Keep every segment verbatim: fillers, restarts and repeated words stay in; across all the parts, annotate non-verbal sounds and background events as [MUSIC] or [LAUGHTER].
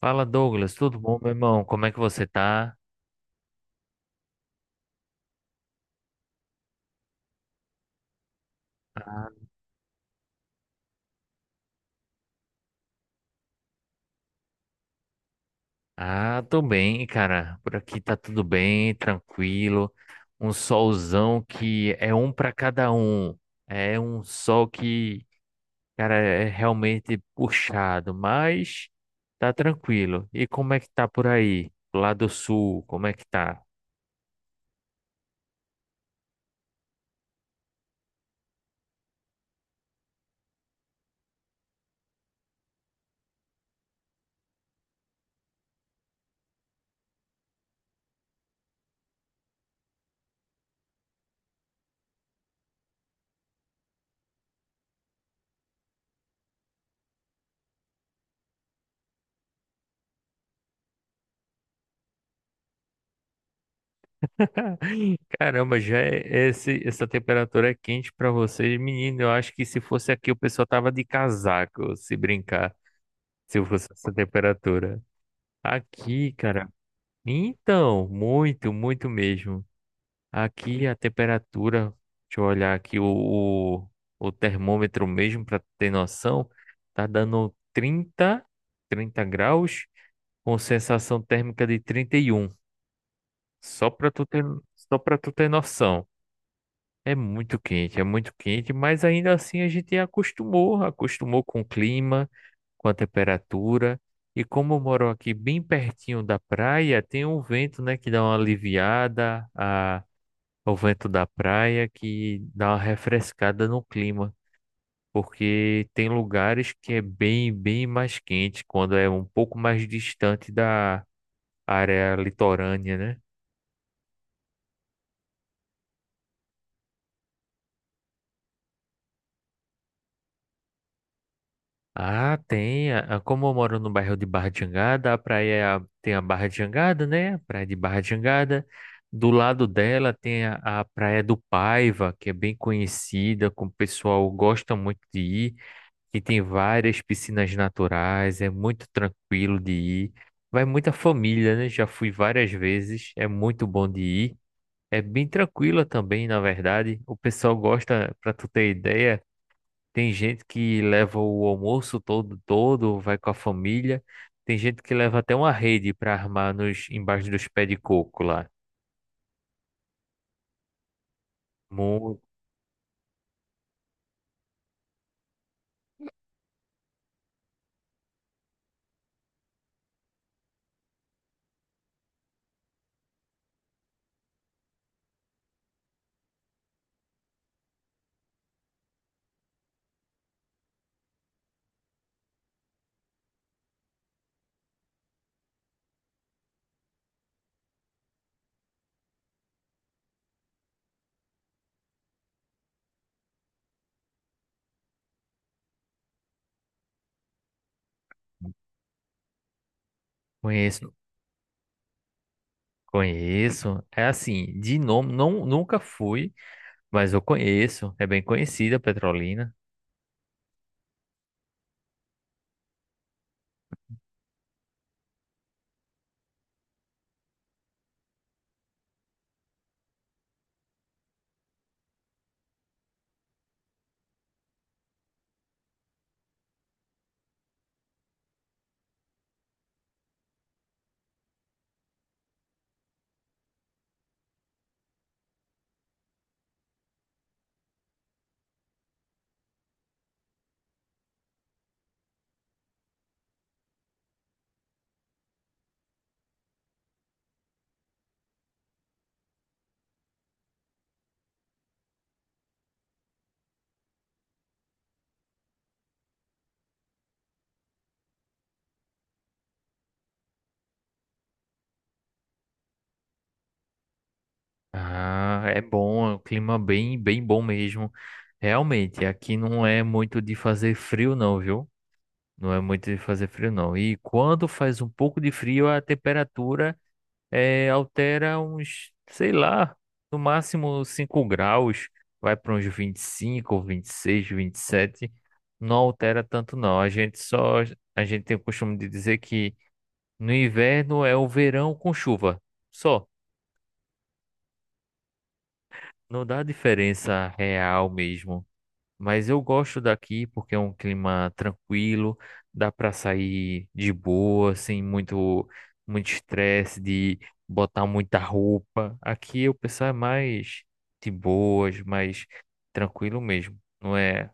Fala, Douglas, tudo bom, meu irmão? Como é que você tá? Ah, tô bem, cara. Por aqui tá tudo bem, tranquilo. Um solzão que é um pra cada um. É um sol que, cara, é realmente puxado, mas tá tranquilo. E como é que tá por aí? Lá do sul, como é que tá? [LAUGHS] Caramba, já é esse, essa temperatura é quente pra vocês, menino. Eu acho que se fosse aqui o pessoal tava de casaco, se brincar, se fosse essa temperatura. Aqui, cara, então, muito, muito mesmo. Aqui a temperatura, deixa eu olhar aqui o, o, o termômetro mesmo, para ter noção, tá dando trinta, trinta graus, com sensação térmica de trinta e um. Só para tu ter, só para tu ter noção. É muito quente, é muito quente, mas ainda assim a gente acostumou, acostumou com o clima, com a temperatura. E como eu moro aqui bem pertinho da praia, tem um vento, né, que dá uma aliviada, a, o vento da praia que dá uma refrescada no clima, porque tem lugares que é bem, bem mais quente quando é um pouco mais distante da área litorânea, né? Ah, tem. a- a- Como eu moro no bairro de Barra de Jangada, a praia tem a Barra de Jangada, né? A praia de Barra de Jangada. Do lado dela tem a, a Praia do Paiva, que é bem conhecida, que o pessoal gosta muito de ir, que tem várias piscinas naturais, é muito tranquilo de ir. Vai muita família, né? Já fui várias vezes, é muito bom de ir. É bem tranquila também, na verdade. O pessoal gosta, para tu ter ideia. Tem gente que leva o almoço todo, todo, vai com a família. Tem gente que leva até uma rede para armar nos, embaixo dos pés de coco lá. Mu- Conheço, conheço. É assim, de nome, não, nunca fui, mas eu conheço. É bem conhecida a Petrolina. Ah, é bom, é um clima bem, bem bom mesmo. Realmente, aqui não é muito de fazer frio, não, viu? Não é muito de fazer frio, não. E quando faz um pouco de frio, a temperatura é, altera uns, sei lá, no máximo cinco graus, vai para uns vinte e cinco, vinte e seis, vinte e sete, não altera tanto não. A gente só, a gente tem o costume de dizer que no inverno é o verão com chuva, só, não dá diferença real mesmo. Mas eu gosto daqui porque é um clima tranquilo, dá para sair de boa, sem muito, muito estresse de botar muita roupa. Aqui o pessoal é mais de boas, mais tranquilo mesmo. Não é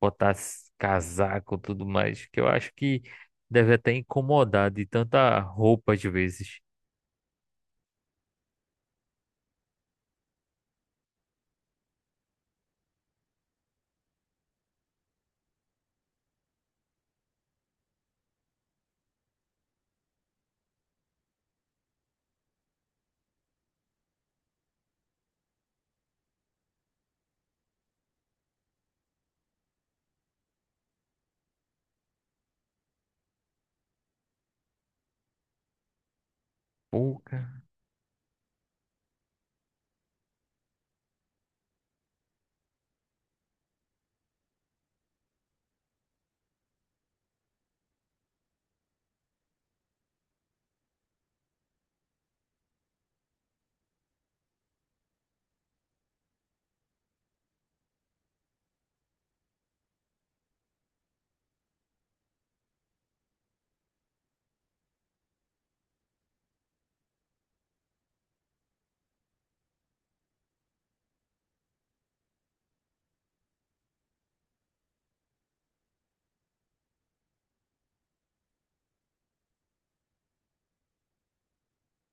botar s- casaco e tudo mais, que eu acho que deve até incomodar de tanta roupa às vezes. Pouca.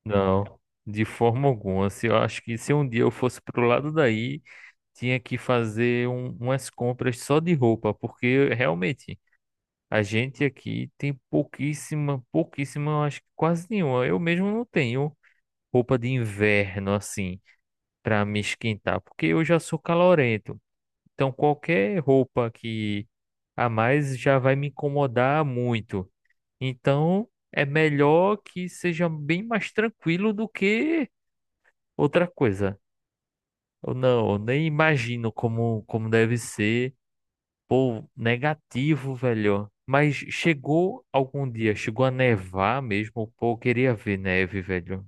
Não, de forma alguma. Se Eu acho que se um dia eu fosse pro lado daí tinha que fazer um- umas compras só de roupa, porque realmente a gente aqui tem pouquíssima, pouquíssima, eu acho que quase nenhuma. Eu mesmo não tenho roupa de inverno assim para me esquentar, porque eu já sou calorento. Então qualquer roupa que a mais já vai me incomodar muito. Então é melhor que seja bem mais tranquilo do que outra coisa. Eu não, eu nem imagino como, como deve ser. Pô, negativo, velho. Mas chegou algum dia, chegou a nevar mesmo. Pô, eu queria ver neve, velho.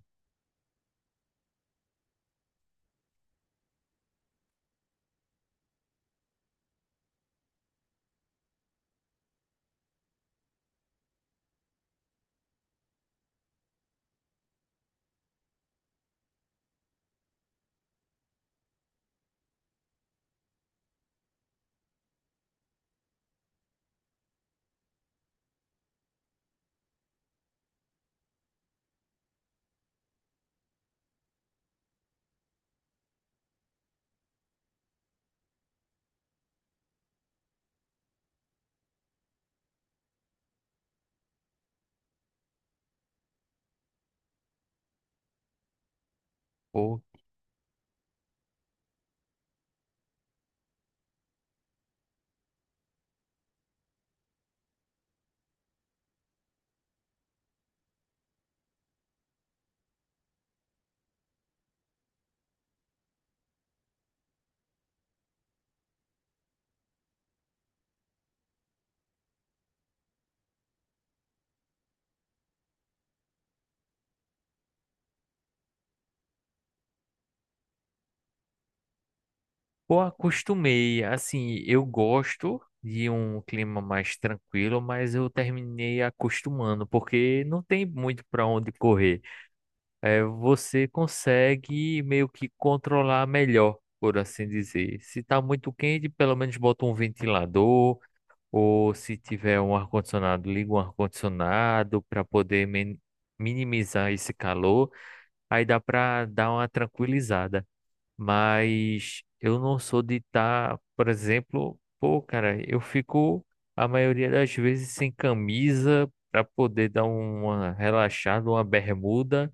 Pô, pô, acostumei. Assim, eu gosto de um clima mais tranquilo, mas eu terminei acostumando, porque não tem muito pra onde correr. É, você consegue meio que controlar melhor, por assim dizer. Se tá muito quente, pelo menos bota um ventilador. Ou se tiver um ar-condicionado, liga um ar-condicionado para poder min- minimizar esse calor. Aí dá para dar uma tranquilizada. Mas eu não sou de estar, por exemplo, pô, cara, eu fico a maioria das vezes sem camisa para poder dar uma relaxada, uma bermuda,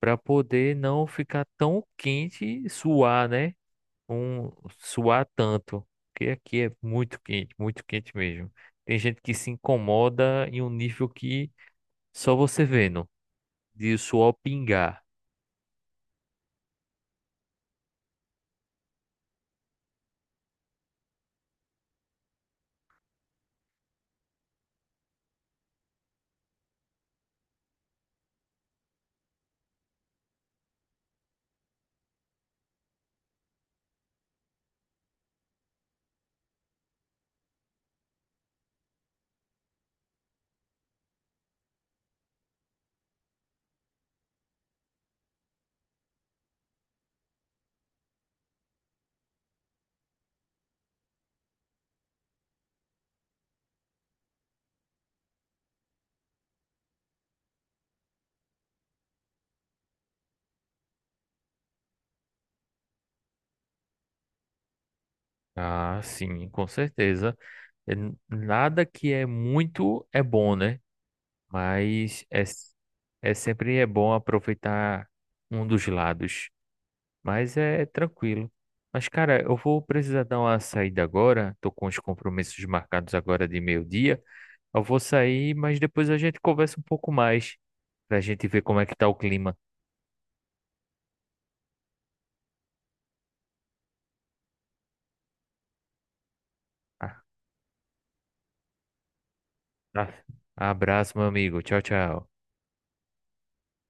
para poder não ficar tão quente e suar, né? um Suar tanto, porque aqui é muito quente, muito quente mesmo. Tem gente que se incomoda em um nível que só você vendo, de o suor pingar. Ah, sim, com certeza. É n- nada que é muito é bom, né? Mas é, s- É sempre é bom aproveitar um dos lados. Mas é tranquilo. Mas, cara, eu vou precisar dar uma saída agora. Tô com os compromissos marcados agora de meio-dia. Eu vou sair, mas depois a gente conversa um pouco mais pra gente ver como é que tá o clima. Ah, tá. Abraço, meu amigo. Tchau, tchau.